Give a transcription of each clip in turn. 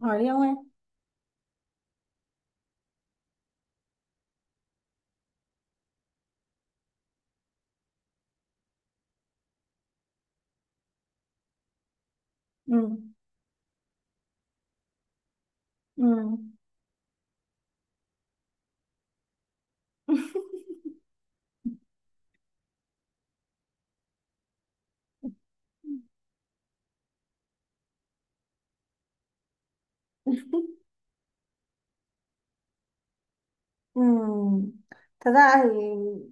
Hỏi đi ông em. Ừ, ừ, ừ. Thật ra thì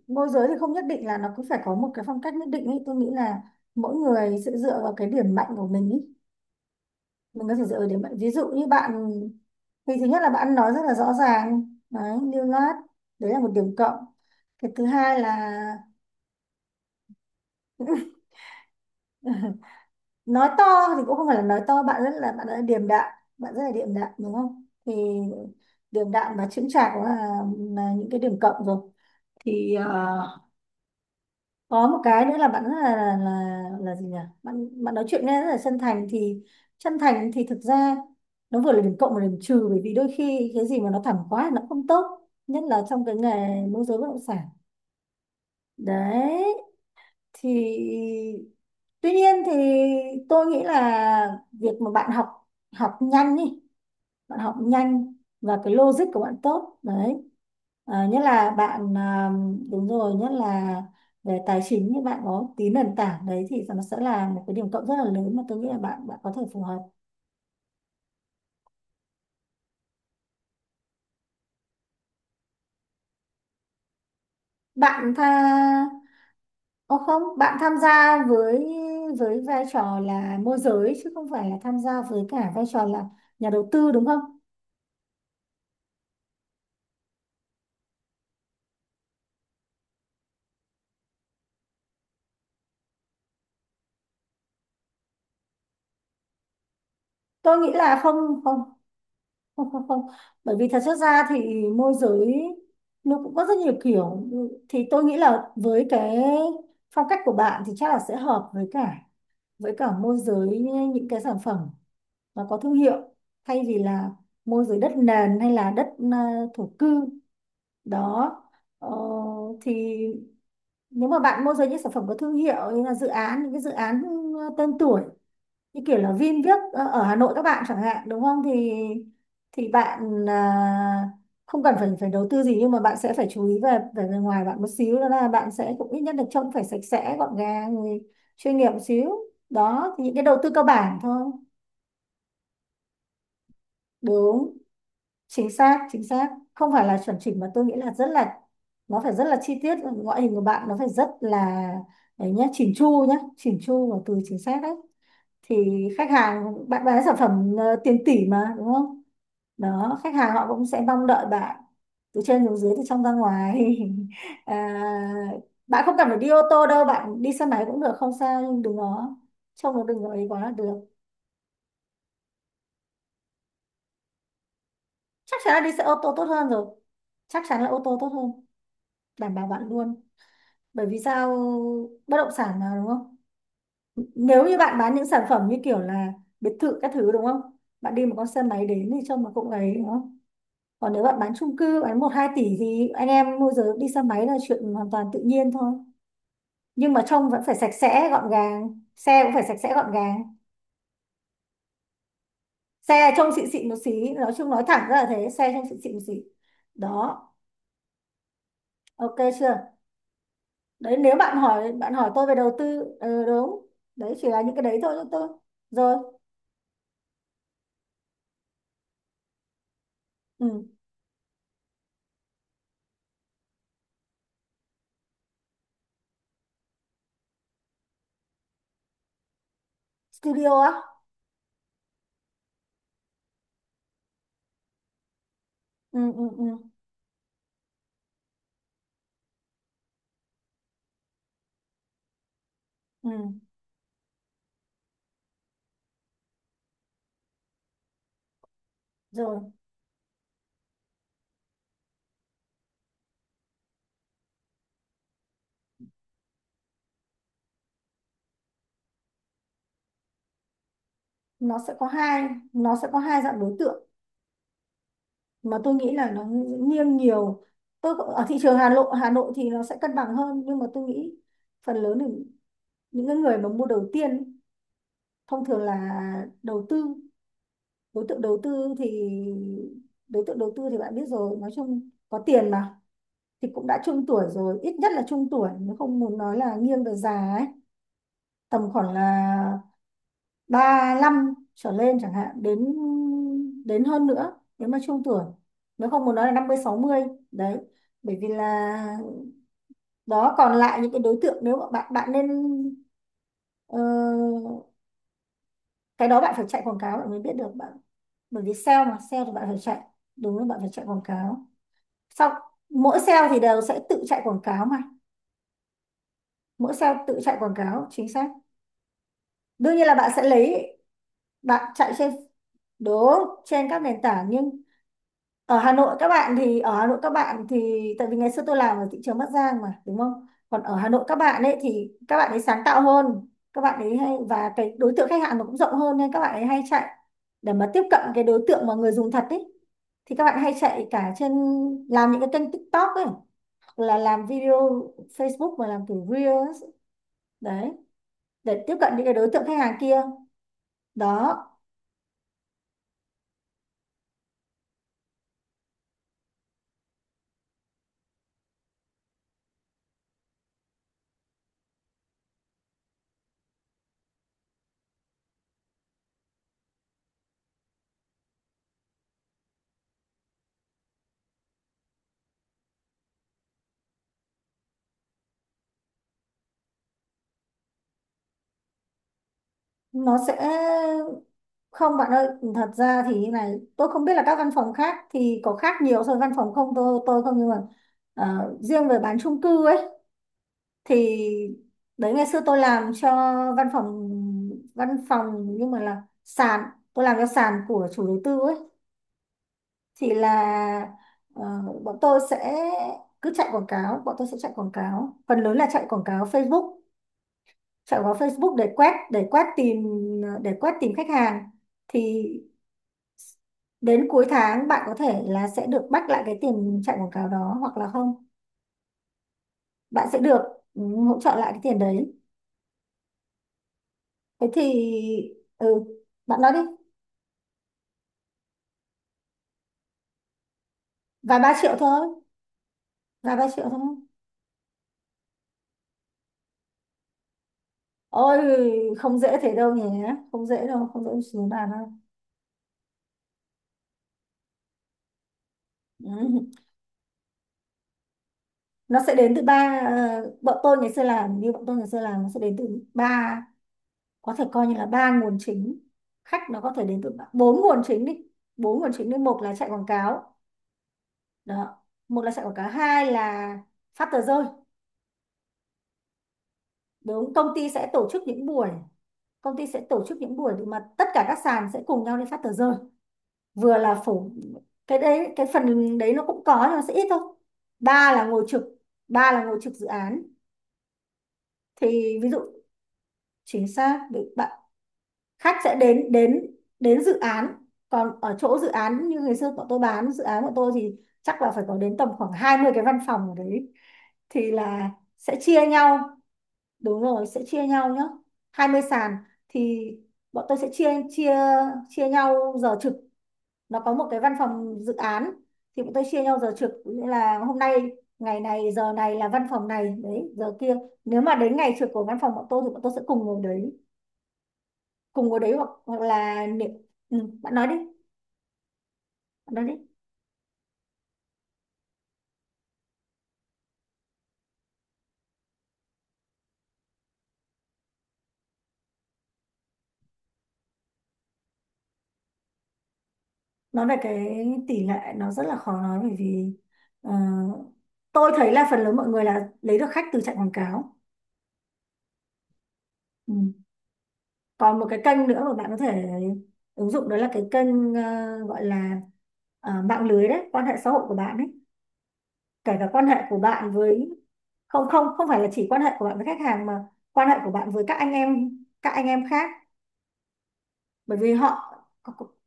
môi giới thì không nhất định là nó cứ phải có một cái phong cách nhất định ấy, tôi nghĩ là mỗi người sẽ dựa vào cái điểm mạnh của mình ý. Mình có thể dựa vào điểm mạnh, ví dụ như bạn thì thứ nhất là bạn nói rất là rõ ràng đấy, lưu loát. Đấy là một điểm cộng. Cái thứ hai là nói to. Thì cũng không phải là nói to, bạn rất là điềm đạm, đúng không? Thì điềm đạm và chững chạc cũng là những cái điểm cộng rồi. thì ờ, có một cái nữa là bạn rất là gì nhỉ? Bạn bạn nói chuyện nghe rất là chân thành thì thực ra nó vừa là điểm cộng và điểm trừ, bởi vì đôi khi cái gì mà nó thẳng quá thì nó không tốt, nhất là trong cái nghề môi giới bất động sản. Đấy. Thì tuy nhiên thì tôi nghĩ là việc mà bạn học học nhanh đi, bạn học nhanh, và cái logic của bạn tốt đấy. À, nhất là bạn, à, đúng rồi, nhất là về tài chính thì bạn có tí nền tảng đấy thì nó sẽ là một cái điểm cộng rất là lớn, mà tôi nghĩ là bạn bạn có thể phù hợp. Bạn tha Ô không, bạn tham gia với vai trò là môi giới chứ không phải là tham gia với cả vai trò là nhà đầu tư, đúng không? Tôi nghĩ là không, không, không, không, không, bởi vì thật chất ra thì môi giới nó cũng có rất nhiều kiểu. Thì tôi nghĩ là với cái phong cách của bạn thì chắc là sẽ hợp với cả môi giới những cái sản phẩm nó có thương hiệu, thay vì là môi giới đất nền hay là đất, à, thổ cư. Đó. ờ, thì nếu mà bạn môi giới những sản phẩm có thương hiệu như là dự án, những cái dự án, tên tuổi, như kiểu là Vin viết, ở Hà Nội các bạn chẳng hạn, đúng không, thì bạn, à, không cần phải phải đầu tư gì, nhưng mà bạn sẽ phải chú ý về về bề ngoài bạn một xíu, đó là bạn sẽ cũng ít nhất được trông phải sạch sẽ gọn gàng rồi, chuyên nghiệp một xíu. Đó, thì những cái đầu tư cơ bản thôi. Đúng, chính xác, chính xác. Không phải là chuẩn chỉnh mà tôi nghĩ là rất là, nó phải rất là chi tiết, ngoại hình của bạn nó phải rất là, đấy, nhá, chỉn chu nhá, chỉn chu và từ chính xác đấy. Thì khách hàng, bạn bán sản phẩm, tiền tỷ mà, đúng không? Đó, khách hàng họ cũng sẽ mong đợi bạn từ trên xuống dưới, từ trong ra ngoài. À, bạn không cần phải đi ô tô đâu, bạn đi xe máy cũng được, không sao, nhưng đừng có trông nó, đừng có ấy quá là được. Chắc chắn là đi xe ô tô tốt hơn rồi, chắc chắn là ô tô tốt hơn, đảm bảo bạn luôn. Bởi vì sao? Bất động sản mà, đúng không? Nếu như bạn bán những sản phẩm như kiểu là biệt thự các thứ, đúng không, bạn đi một con xe máy đến thì trông nó cũng ấy, đúng không? Còn nếu bạn bán chung cư, bán một hai tỷ, thì anh em môi giới đi xe máy là chuyện hoàn toàn tự nhiên thôi, nhưng mà trông vẫn phải sạch sẽ gọn gàng, xe cũng phải sạch sẽ gọn gàng. Xe trông xịn xịn một xí, nói chung nói thẳng ra là thế, xe trông xịn xịn một xí. Đó. Ok, chưa? Đấy, nếu bạn hỏi, bạn hỏi tôi về đầu tư, ừ, đúng, đấy chỉ là những cái đấy thôi cho tôi. Rồi. Ừ. Studio á. Ừ, ừ, ừ. Ừ. Rồi. Nó sẽ có hai nó sẽ có hai dạng đối tượng mà tôi nghĩ là nó nghiêng nhiều. Ở thị trường Hà Nội thì nó sẽ cân bằng hơn, nhưng mà tôi nghĩ phần lớn là những cái người mà mua đầu tiên ấy, thông thường là đầu tư. Đối tượng đầu tư thì đối tượng đầu tư thì bạn biết rồi, nói chung có tiền mà, thì cũng đã trung tuổi rồi, ít nhất là trung tuổi, nếu không muốn nói là nghiêng về già ấy, tầm khoảng là 35 trở lên chẳng hạn, đến đến hơn nữa nếu mà trung tuổi, nếu không muốn nói là năm mươi sáu mươi. Đấy. Bởi vì là, đó, còn lại những cái đối tượng, nếu mà bạn bạn nên, ờ, cái đó bạn phải chạy quảng cáo bạn mới biết được bạn. Bởi vì sale mà, sale thì bạn phải chạy. Đúng là bạn phải chạy quảng cáo. Sau mỗi sale thì đều sẽ tự chạy quảng cáo mà, mỗi sale tự chạy quảng cáo, chính xác. Đương nhiên là bạn sẽ lấy, bạn chạy trên, đúng, trên các nền tảng. Nhưng ở Hà Nội các bạn thì ở Hà Nội các bạn thì tại vì ngày xưa tôi làm ở thị trường Bắc Giang mà, đúng không, còn ở Hà Nội các bạn ấy thì các bạn ấy sáng tạo hơn, các bạn ấy hay, và cái đối tượng khách hàng nó cũng rộng hơn nên các bạn ấy hay chạy để mà tiếp cận cái đối tượng mà người dùng thật ấy. Thì các bạn hay chạy cả trên, làm những cái kênh TikTok ấy, hoặc là làm video Facebook mà làm kiểu Reels ấy. Đấy, để tiếp cận những cái đối tượng khách hàng kia. Đó, nó sẽ. Không bạn ơi, thật ra thì như này, tôi không biết là các văn phòng khác thì có khác nhiều so với văn phòng không, tôi tôi không, nhưng mà, riêng về bán chung cư ấy, thì đấy, ngày xưa tôi làm cho văn phòng, văn phòng nhưng mà là sàn, tôi làm cho sàn của chủ đầu tư ấy. Thì là, ờ, bọn tôi sẽ cứ chạy quảng cáo, bọn tôi sẽ chạy quảng cáo, phần lớn là chạy quảng cáo Facebook, chạy quảng cáo Facebook để quét tìm khách hàng. Thì đến cuối tháng bạn có thể là sẽ được back lại cái tiền chạy quảng cáo đó, hoặc là không, bạn sẽ được, ừ, hỗ trợ lại cái tiền đấy. Thế thì, ừ, bạn nói đi. Vài ba triệu thôi, vài ba triệu thôi. Ôi, không dễ thế đâu nhỉ, không dễ đâu, không dễ xuống bàn đâu. Ừ. Nó sẽ đến từ ba, bọn tôi ngày xưa làm, như bọn tôi ngày xưa làm, nó sẽ đến từ ba, có thể coi như là ba nguồn chính, khách nó có thể đến từ ba- bốn nguồn chính đi bốn nguồn chính đi. Một là chạy quảng cáo. Đó. Một là chạy quảng cáo, hai là phát tờ rơi. Đúng, công ty sẽ tổ chức những buổi, công ty sẽ tổ chức những buổi mà tất cả các sàn sẽ cùng nhau đi phát tờ rơi. Vừa là phổ, cái đấy cái phần đấy nó cũng có nhưng mà sẽ ít thôi. Ba là ngồi trực, ba là ngồi trực dự án. Thì ví dụ, chính xác, bạn, khách sẽ đến đến đến dự án. Còn ở chỗ dự án, như ngày xưa bọn tôi bán dự án của tôi, thì chắc là phải có đến tầm khoảng 20 cái văn phòng ở đấy. Thì là sẽ chia nhau. Đúng rồi, sẽ chia nhau nhá. Hai mươi sàn, thì bọn tôi sẽ chia chia chia nhau giờ trực. Nó có một cái văn phòng dự án, thì bọn tôi chia nhau giờ trực, nghĩa là hôm nay, ngày này giờ này là văn phòng này đấy, giờ kia. Nếu mà đến ngày trực của văn phòng bọn tôi thì bọn tôi sẽ cùng ngồi đấy, cùng ngồi đấy, hoặc, hoặc là nếu, ừ, bạn nói đi, bạn nói đi. Nói về cái tỷ lệ nó rất là khó nói, bởi vì, ờ, tôi thấy là phần lớn mọi người là lấy được khách từ chạy quảng cáo. Ừ. Còn một cái kênh nữa mà bạn có thể ứng dụng, đó là cái kênh, gọi là, mạng lưới đấy, quan hệ xã hội của bạn ấy, kể cả quan hệ của bạn với, không, không, không phải là chỉ quan hệ của bạn với khách hàng, mà quan hệ của bạn với các anh em, các anh em khác. Bởi vì họ,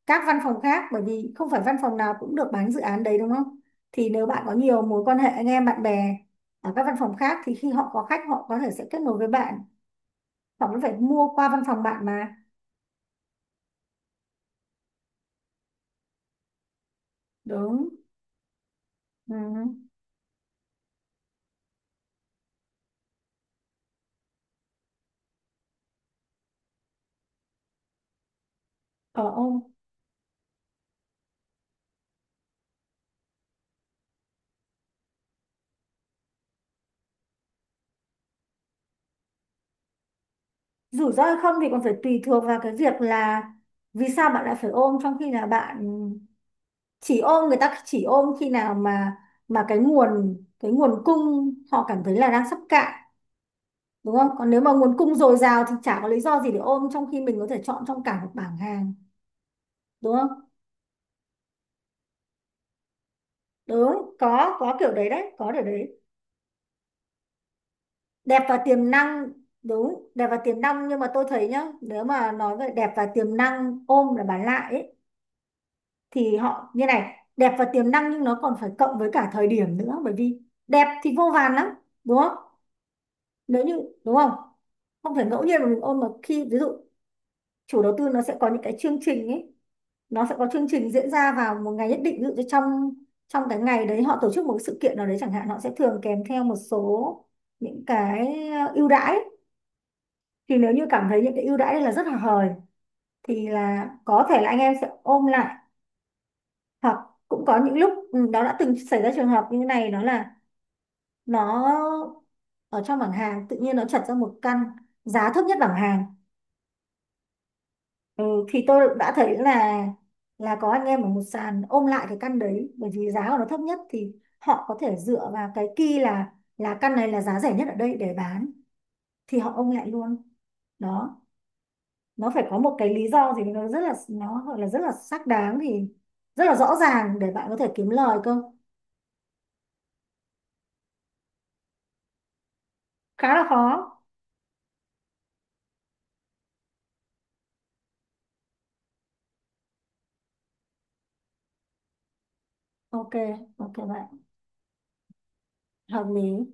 các văn phòng khác, bởi vì không phải văn phòng nào cũng được bán dự án đấy, đúng không. Thì nếu bạn có nhiều mối quan hệ anh em bạn bè ở các văn phòng khác, thì khi họ có khách họ có thể sẽ kết nối với bạn, họ vẫn phải mua qua văn phòng bạn mà. Đúng. Ừ. Ờ, ô, rủi ro hay không thì còn phải tùy thuộc vào cái việc là vì sao bạn lại phải ôm, trong khi là bạn chỉ ôm, người ta chỉ ôm khi nào mà cái nguồn cung họ cảm thấy là đang sắp cạn, đúng không. Còn nếu mà nguồn cung dồi dào thì chả có lý do gì để ôm, trong khi mình có thể chọn trong cả một bảng hàng, đúng không. Đúng, có kiểu đấy. Đẹp và tiềm năng. Đúng, đẹp và tiềm năng, nhưng mà tôi thấy nhá, nếu mà nói về đẹp và tiềm năng, ôm là bán lại ấy, thì họ như này, đẹp và tiềm năng nhưng nó còn phải cộng với cả thời điểm nữa, bởi vì đẹp thì vô vàn lắm, đúng không? Nếu như, đúng không, không phải ngẫu nhiên mà mình ôm, mà khi ví dụ chủ đầu tư nó sẽ có những cái chương trình ấy, nó sẽ có chương trình diễn ra vào một ngày nhất định, ví dụ như trong, trong cái ngày đấy họ tổ chức một cái sự kiện nào đấy chẳng hạn, họ sẽ thường kèm theo một số những cái, ưu đãi. Thì nếu như cảm thấy những cái ưu đãi này là rất là hời thì là có thể là anh em sẽ ôm lại. Hoặc cũng có những lúc, ừ, đó, đã từng xảy ra trường hợp như thế này, đó là nó, ở trong bảng hàng tự nhiên nó chật ra một căn giá thấp nhất bảng hàng, ừ, thì tôi đã thấy là có anh em ở một sàn ôm lại cái căn đấy, bởi vì giá của nó thấp nhất, thì họ có thể dựa vào cái key là căn này là giá rẻ nhất ở đây để bán, thì họ ôm lại luôn. Đó, nó phải có một cái lý do gì nó rất là, nó gọi là rất là xác đáng, thì rất là rõ ràng, để bạn có thể kiếm lời cơ. Khá là khó. Ok, ok bạn. Hợp lý.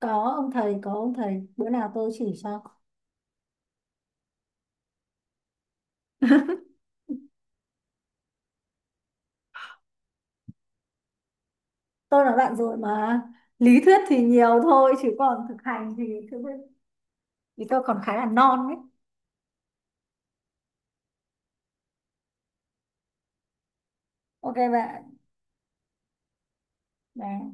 Có ông thầy, có ông thầy, bữa nào tôi chỉ cho. Tôi là bạn rồi mà. Lý thuyết thì nhiều thôi, chứ còn thực hành thì, thực, thì tôi còn khá là non đấy. Ok bạn. Đấy.